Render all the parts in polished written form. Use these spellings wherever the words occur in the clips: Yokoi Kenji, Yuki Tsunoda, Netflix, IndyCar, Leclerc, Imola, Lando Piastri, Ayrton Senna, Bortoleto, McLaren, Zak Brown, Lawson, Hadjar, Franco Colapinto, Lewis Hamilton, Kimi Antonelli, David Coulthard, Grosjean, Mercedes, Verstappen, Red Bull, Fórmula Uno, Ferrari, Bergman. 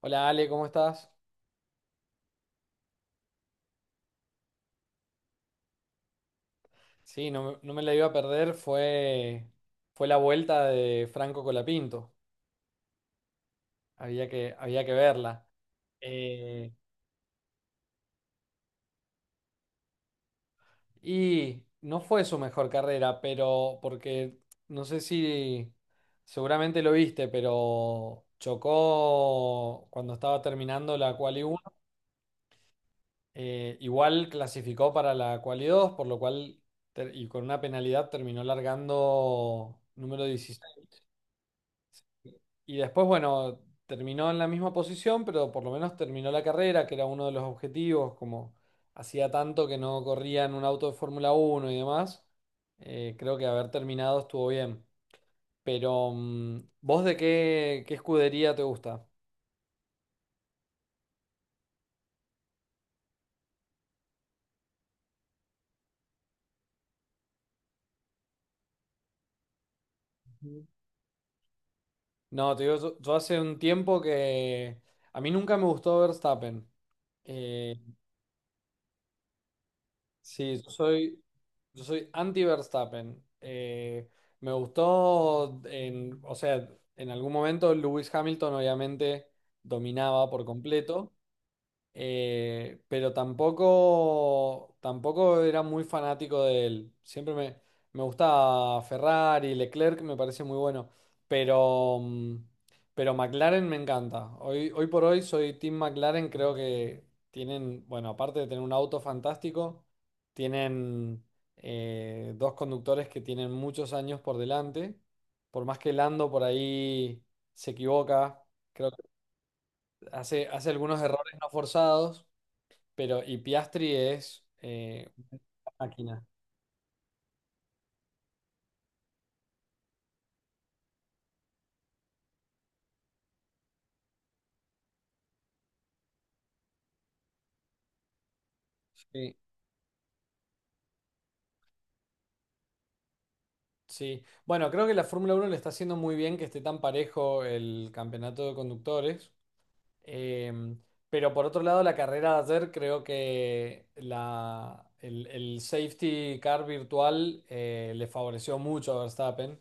Hola Ale, ¿cómo estás? Sí, no, me no me la iba a perder, fue la vuelta de Franco Colapinto, había que verla. Eh, y no fue su mejor carrera, pero porque no sé si seguramente lo viste, pero chocó cuando estaba terminando la Quali uno, igual clasificó para la Quali 2, por lo cual y con una penalidad terminó largando número 16. Y después, bueno, terminó en la misma posición, pero por lo menos terminó la carrera, que era uno de los objetivos, como hacía tanto que no corría en un auto de Fórmula 1 y demás, creo que haber terminado estuvo bien. ¿Vos qué escudería te gusta? Ujú. No, te digo, yo hace un tiempo que a mí nunca me gustó Verstappen. Eh, sí, yo soy anti Verstappen. Me gustó, o sea, en algún momento Lewis Hamilton obviamente dominaba por completo, pero tampoco era muy fanático de él. Siempre me gustaba Ferrari, Leclerc me parece muy bueno. Pero, mm, pero McLaren me encanta. Hoy por hoy soy Team McLaren. Creo que tienen, bueno, aparte de tener un auto fantástico, tienen dos conductores que tienen muchos años por delante. Por más que Lando por ahí se equivoca, creo que hace algunos errores no forzados. Pero, y Piastri es una máquina. Sí. Sí, bueno, creo que la Fórmula 1 le está haciendo muy bien que esté tan parejo el campeonato de conductores. Em, pero por otro lado, la carrera de ayer creo que el safety car virtual le favoreció mucho a Verstappen.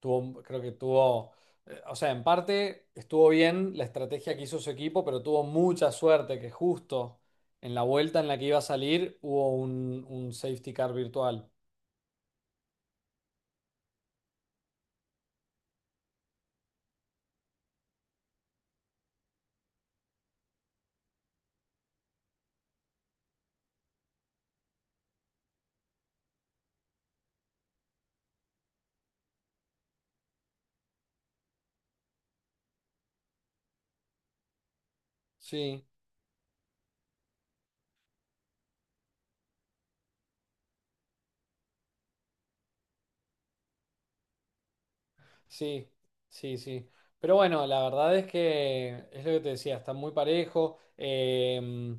Creo que tuvo, o sea, en parte estuvo bien la estrategia que hizo su equipo, pero tuvo mucha suerte que justo en la vuelta en la que iba a salir hubo un safety car virtual. Sí, sí, sí, sí. Pero bueno, la verdad es que es lo que te decía, está muy parejo. Eh,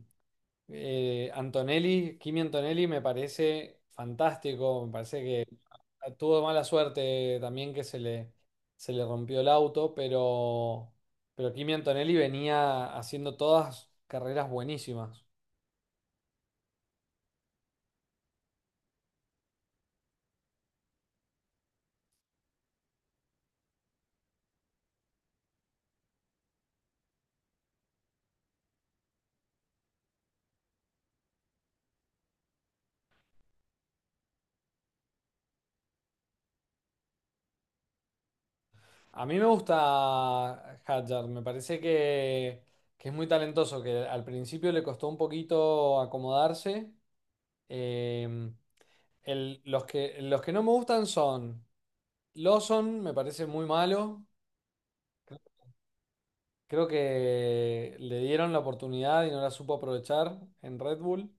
eh, Antonelli, Kimi Antonelli me parece fantástico, me parece que... Tuvo mala suerte también que se le rompió el auto, pero Kimi Antonelli venía haciendo todas carreras buenísimas. A mí me gusta Hadjar, me parece que es muy talentoso, que al principio le costó un poquito acomodarse. Eh, los que no me gustan son Lawson, me parece muy malo. Creo que le dieron la oportunidad y no la supo aprovechar en Red Bull.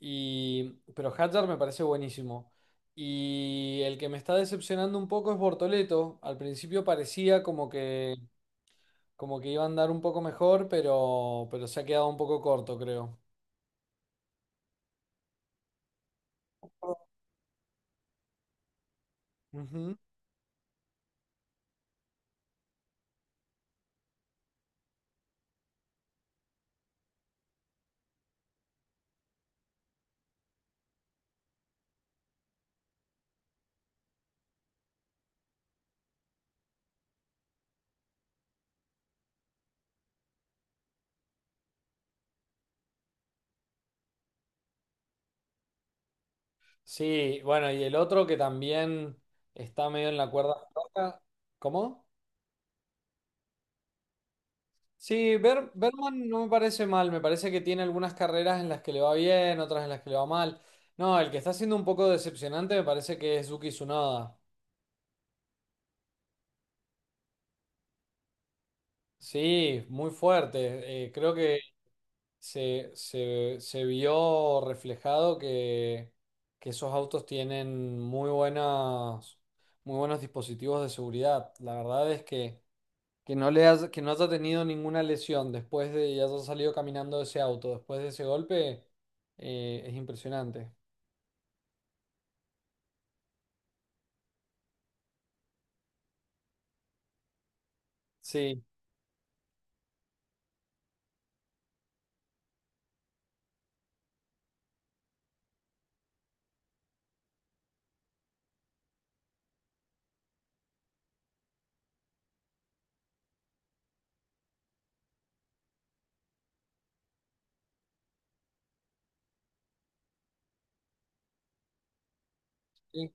Y, pero Hadjar me parece buenísimo. Y el que me está decepcionando un poco es Bortoleto. Al principio parecía como que iba a andar un poco mejor, pero se ha quedado un poco corto, creo. Ujú. Sí, bueno, y el otro que también está medio en la cuerda floja. ¿Cómo? Sí, Bergman no me parece mal, me parece que tiene algunas carreras en las que le va bien, otras en las que le va mal. No, el que está siendo un poco decepcionante me parece que es Yuki Tsunoda. Sí, muy fuerte. Creo que se vio reflejado que esos autos tienen muy buenos dispositivos de seguridad. La verdad es que no haya tenido ninguna lesión después de y haya salido caminando de ese auto, después de ese golpe, es impresionante. Sí, sí,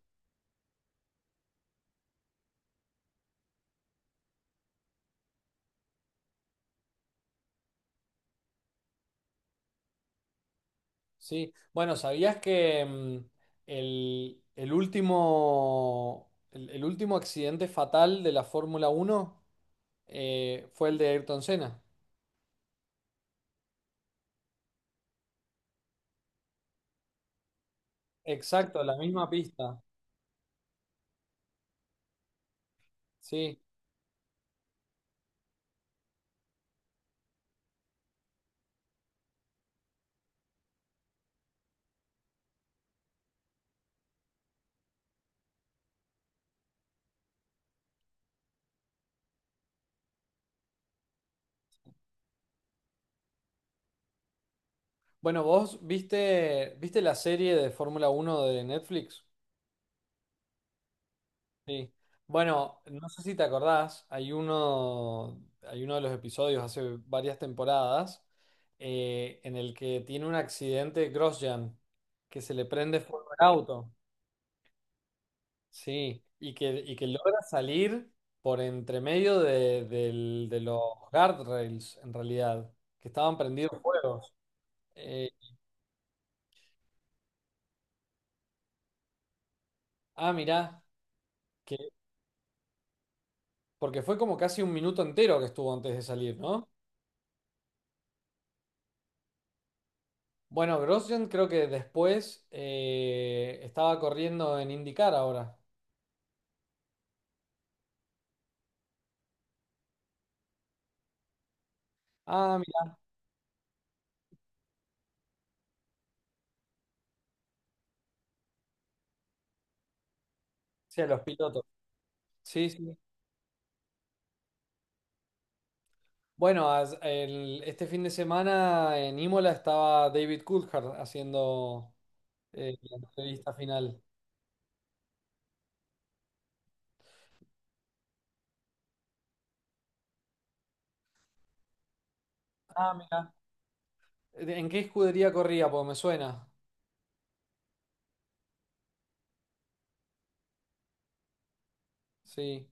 sí. Bueno, ¿sabías que el último accidente fatal de la Fórmula 1 fue el de Ayrton Senna? Exacto, la misma pista. Sí. Bueno, ¿vos viste la serie de Fórmula 1 de Netflix? Sí. Bueno, no sé si te acordás, hay uno de los episodios hace varias temporadas en el que tiene un accidente Grosjean, que se le prende fuego al auto, sí, y que logra salir por entre medio de los guardrails, en realidad, que estaban prendidos fuegos. Eh, ah, mirá, que, porque fue como casi un minuto entero que estuvo antes de salir, ¿no? Bueno, Grosjean creo que después estaba corriendo en IndyCar ahora. Ah, mira, hacia los pilotos. Sí, sí. Bueno, este fin de semana en Imola estaba David Coulthard haciendo la entrevista final. Ah, mira. ¿En qué escudería corría? Porque me suena. Sí.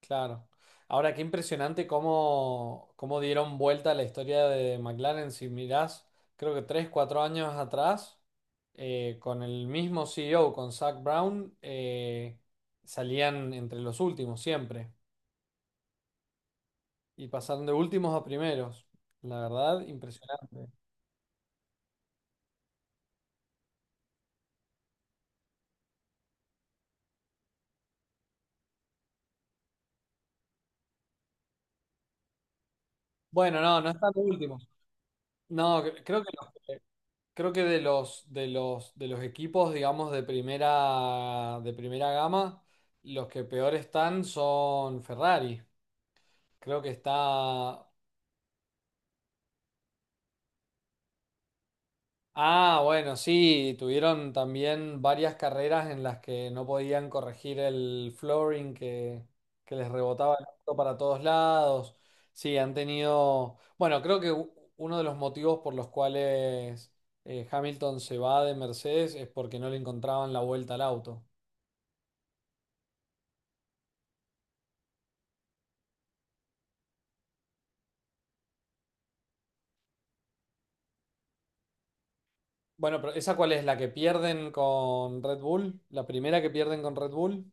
Claro. Ahora, qué impresionante cómo dieron vuelta la historia de McLaren. Si mirás, creo que 3, 4 años atrás, con el mismo CEO, con Zak Brown, salían entre los últimos siempre. Y pasaron de últimos a primeros. La verdad, impresionante. Bueno, no, no están de últimos. No, creo que de los equipos, digamos, de primera gama, los que peor están son Ferrari. Creo que está... Ah, bueno, sí, tuvieron también varias carreras en las que no podían corregir el flooring que les rebotaba el auto para todos lados. Sí, han tenido... Bueno, creo que uno de los motivos por los cuales Hamilton se va de Mercedes es porque no le encontraban la vuelta al auto. Bueno, pero ¿esa cuál es? ¿La que pierden con Red Bull? ¿La primera que pierden con Red Bull?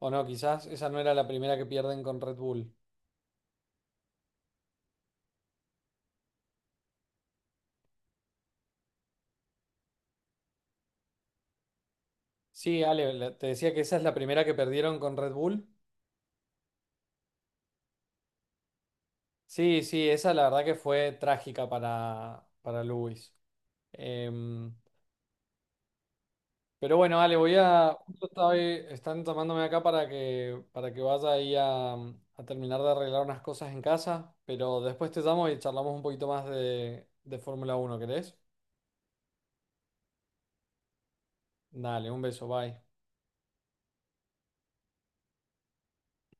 ¿O no? Quizás esa no era la primera que pierden con Red Bull. Sí, Ale, te decía que esa es la primera que perdieron con Red Bull. Sí, sí, esa la verdad que fue trágica para Lewis. Em, pero bueno, Ale, voy a... Justo están tomándome acá para que vaya ahí a terminar de arreglar unas cosas en casa, pero después te llamo y charlamos un poquito más de Fórmula 1, ¿querés? Dale, un beso, bye.